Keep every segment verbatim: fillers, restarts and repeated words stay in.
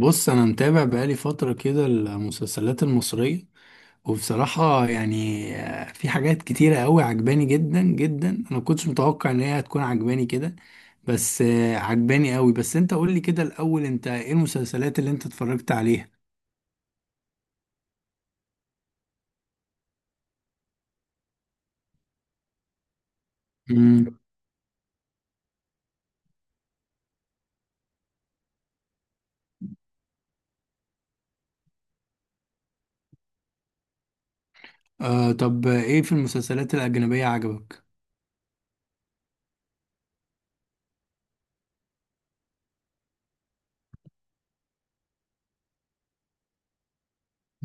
بص، انا متابع بقالي فتره كده المسلسلات المصريه. وبصراحه يعني آه، في حاجات كتيره قوي عجباني جدا جدا. انا ما كنتش متوقع ان هي هتكون عجباني كده، بس آه، عجباني قوي. بس انت قول لي كده الاول، انت ايه المسلسلات اللي انت اتفرجت عليها؟ امم. آه، طب آه، ايه في المسلسلات الاجنبيه عجبك؟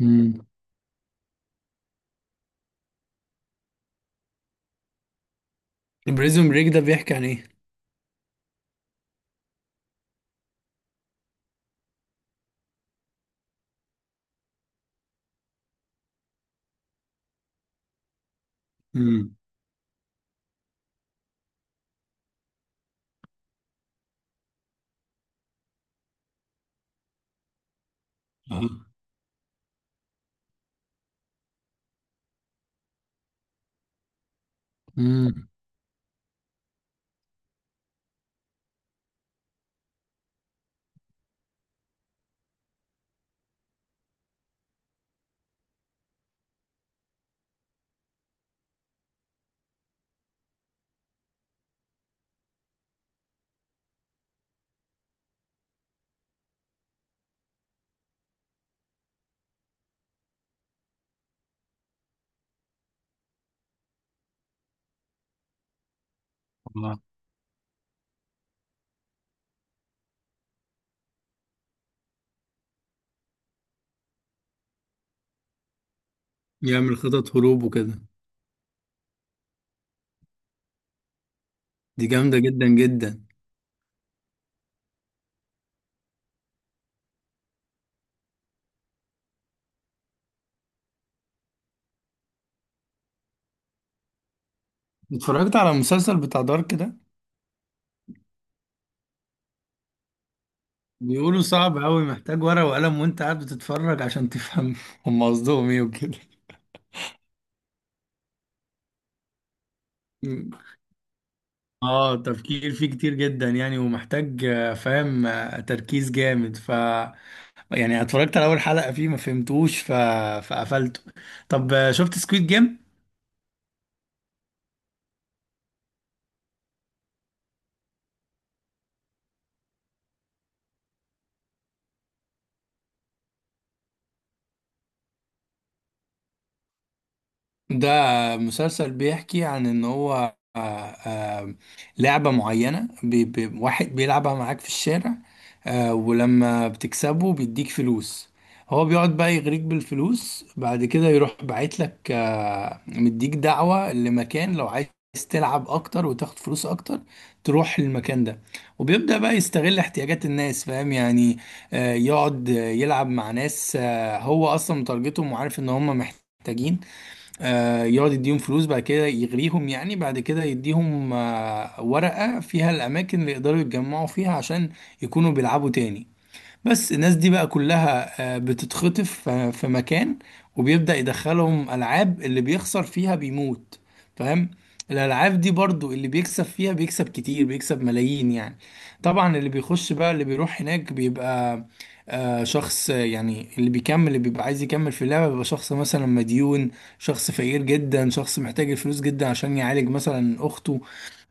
امم. بريزون بريك ده بيحكي عن ايه؟ امم. امم. يعمل خطط هروب وكده. دي جامده جدا جدا. اتفرجت على المسلسل بتاع دارك ده؟ بيقولوا صعب أوي، محتاج ورقة وقلم وأنت قاعد بتتفرج عشان تفهم هم قصدهم إيه وكده. اه، تفكير فيه كتير جدا يعني، ومحتاج آه، فاهم، آه، تركيز جامد ف يعني. اتفرجت على اول حلقة فيه ما فهمتوش، ف... فقفلته. طب آه، شفت سكويد جيم؟ ده مسلسل بيحكي عن ان هو آه، آه، لعبة معينة بي بي واحد بيلعبها معاك في الشارع. آه، ولما بتكسبه بيديك فلوس، هو بيقعد بقى يغريك بالفلوس، بعد كده يروح باعت لك آه، مديك دعوة لمكان لو عايز تلعب اكتر وتاخد فلوس اكتر، تروح المكان ده. وبيبدأ بقى يستغل احتياجات الناس، فاهم يعني. آه، يقعد يلعب مع ناس آه، هو اصلا متارجتهم وعارف ان هم محتاجين. آه، يقعد يديهم فلوس، بعد كده يغريهم يعني، بعد كده يديهم آه، ورقة فيها الأماكن اللي يقدروا يتجمعوا فيها عشان يكونوا بيلعبوا تاني. بس الناس دي بقى كلها آه، بتتخطف ف- في مكان، وبيبدأ يدخلهم ألعاب، اللي بيخسر فيها بيموت، فاهم. الألعاب دي برضو اللي بيكسب فيها بيكسب كتير، بيكسب ملايين يعني. طبعا اللي بيخش بقى اللي بيروح هناك بيبقى آه، شخص، آه، يعني اللي بيكمل اللي بيبقى عايز يكمل في اللعبة بيبقى شخص مثلا مديون، شخص فقير جدا، شخص محتاج الفلوس جدا عشان يعالج مثلا أخته،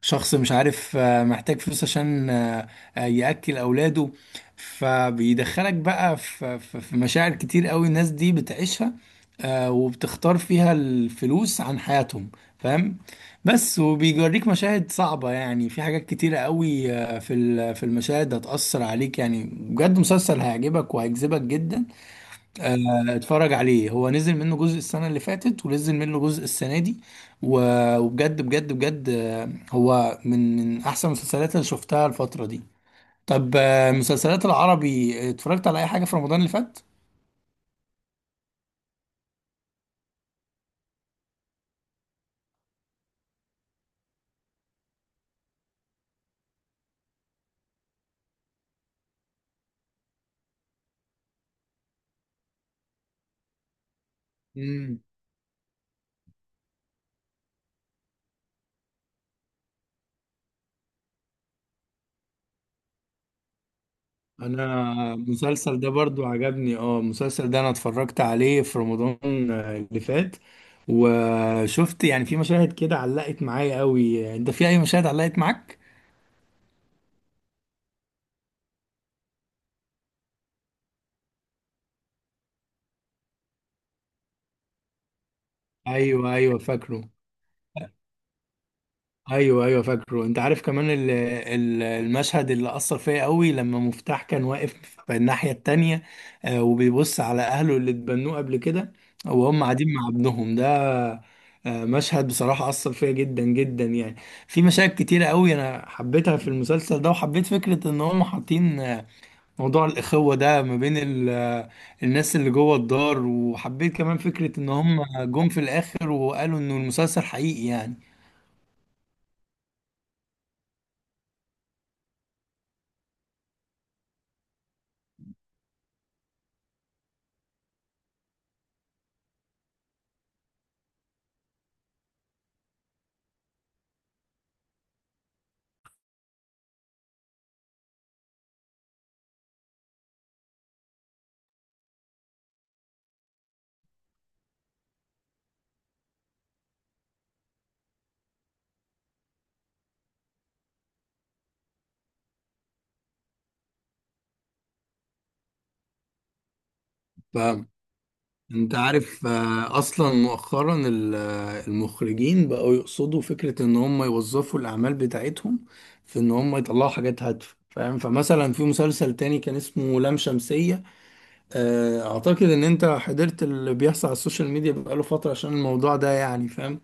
شخص مش عارف آه، محتاج فلوس عشان آه، آه، يأكل أولاده. فبيدخلك بقى في في في مشاعر كتير قوي الناس دي بتعيشها، آه، وبتختار فيها الفلوس عن حياتهم، فاهم. بس وبيوريك مشاهد صعبة يعني، في حاجات كتيرة قوي آه، في ال- في المشاهد هتأثر عليك يعني، بجد مسلسل هيعجبك وهيجذبك جدا. آه، اتفرج عليه، هو نزل منه جزء السنة اللي فاتت ونزل منه جزء السنة دي. و- وبجد بجد بجد آه، هو من من أحسن المسلسلات اللي شفتها الفترة دي. طب آه، مسلسلات العربي، اتفرجت على اي حاجة في رمضان اللي فات؟ امم. انا المسلسل ده برضو عجبني. اه، المسلسل ده انا اتفرجت عليه في رمضان آه، اللي فات. وشفت يعني في مشاهد كده علقت معايا قوي. انت في اي مشاهد علقت معاك؟ ايوه، ايوه، فاكره. ايوه، ايوه، فاكره. انت عارف كمان ال- ال- المشهد اللي اثر فيا قوي لما مفتاح كان واقف في الناحيه التانية، آه، وبيبص على اهله اللي اتبنوه قبل كده، وهم قاعدين مع ابنهم ده. آه، مشهد بصراحه اثر فيا جدا جدا يعني. في مشاهد كتيره قوي انا حبيتها في المسلسل ده، وحبيت فكره ان هم حاطين آه، موضوع الاخوه ده ما بين ال- آه، الناس اللي جوه الدار، وحبيت كمان فكره ان هم جم في الاخر وقالوا انه المسلسل حقيقي يعني. انت عارف آه، اصلا مؤخرا ال- آه، المخرجين بقوا يقصدوا فكرة ان هم يوظفوا الاعمال بتاعتهم في ان هم يطلعوا حاجات هادفة، فاهم. فمثلا في مسلسل تاني كان اسمه لام شمسية. آه، اعتقد ان انت حضرت اللي بيحصل على السوشيال ميديا بقاله فترة عشان الموضوع ده يعني، فاهم.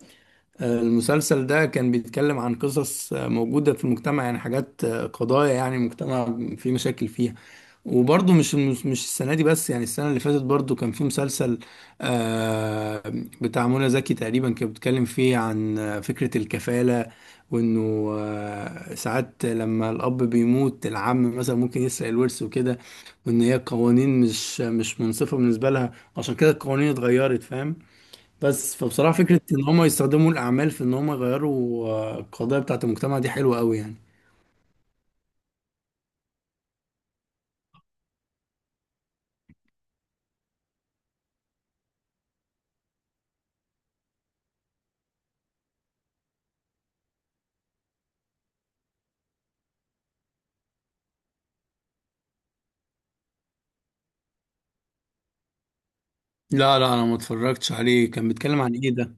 المسلسل ده كان بيتكلم عن قصص موجودة في المجتمع، يعني حاجات قضايا، يعني مجتمع فيه مشاكل فيها. وبرضه مش مش مش السنة دي بس يعني، السنة اللي فاتت برضه كان في مسلسل آه، بتاع منى زكي تقريبا، كان بيتكلم فيه عن فكرة الكفالة. وإنه آه، ساعات لما الأب بيموت، العم مثلا ممكن يسرق الورث وكده. وإن هي قوانين مش مش منصفة بالنسبة لها، عشان كده القوانين اتغيرت، فاهم. بس فبصراحة فكرة إن هم يستخدموا الأعمال في إن هم يغيروا آه، القضايا بتاعة المجتمع دي حلوة أوي يعني. لا، لا، أنا ما اتفرجتش عليه. كان بيتكلم عن إيه ده؟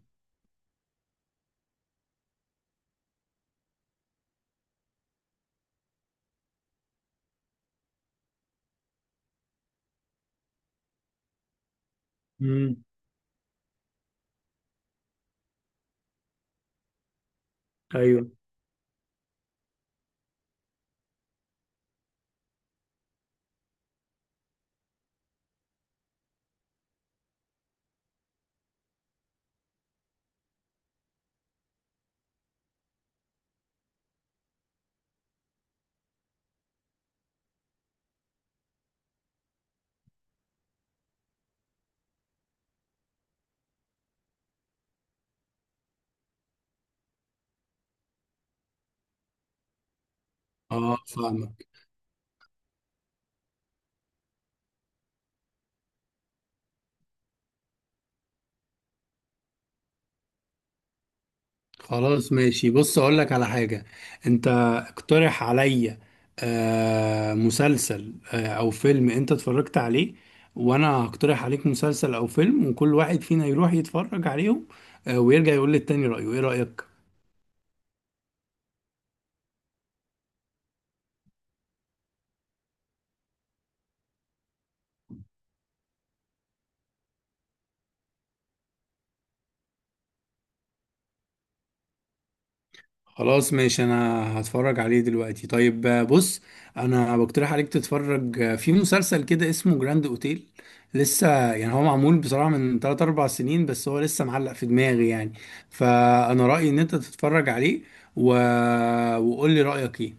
امم. أيوه. أه، فاهمك. خلاص ماشي، بص أقول لك على حاجة. أنت اقترح عليا آه مسلسل آه أو فيلم أنت اتفرجت عليه، وأنا هقترح عليك مسلسل أو فيلم، وكل واحد فينا يروح يتفرج عليهم آه ويرجع يقول للتاني رأيه. إيه رأيك؟ خلاص ماشي، انا هتفرج عليه دلوقتي. طيب آه، بص، انا بقترح عليك تتفرج آه، في مسلسل كده اسمه جراند اوتيل. لسه، يعني هو معمول بصراحة من ثلاث اربعة سنين، بس هو لسه معلق في دماغي يعني. فانا رأيي ان انت تتفرج عليه، و... وقول لي رأيك ايه.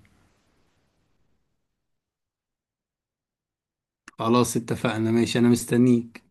خلاص اتفقنا، ماشي، انا مستنيك.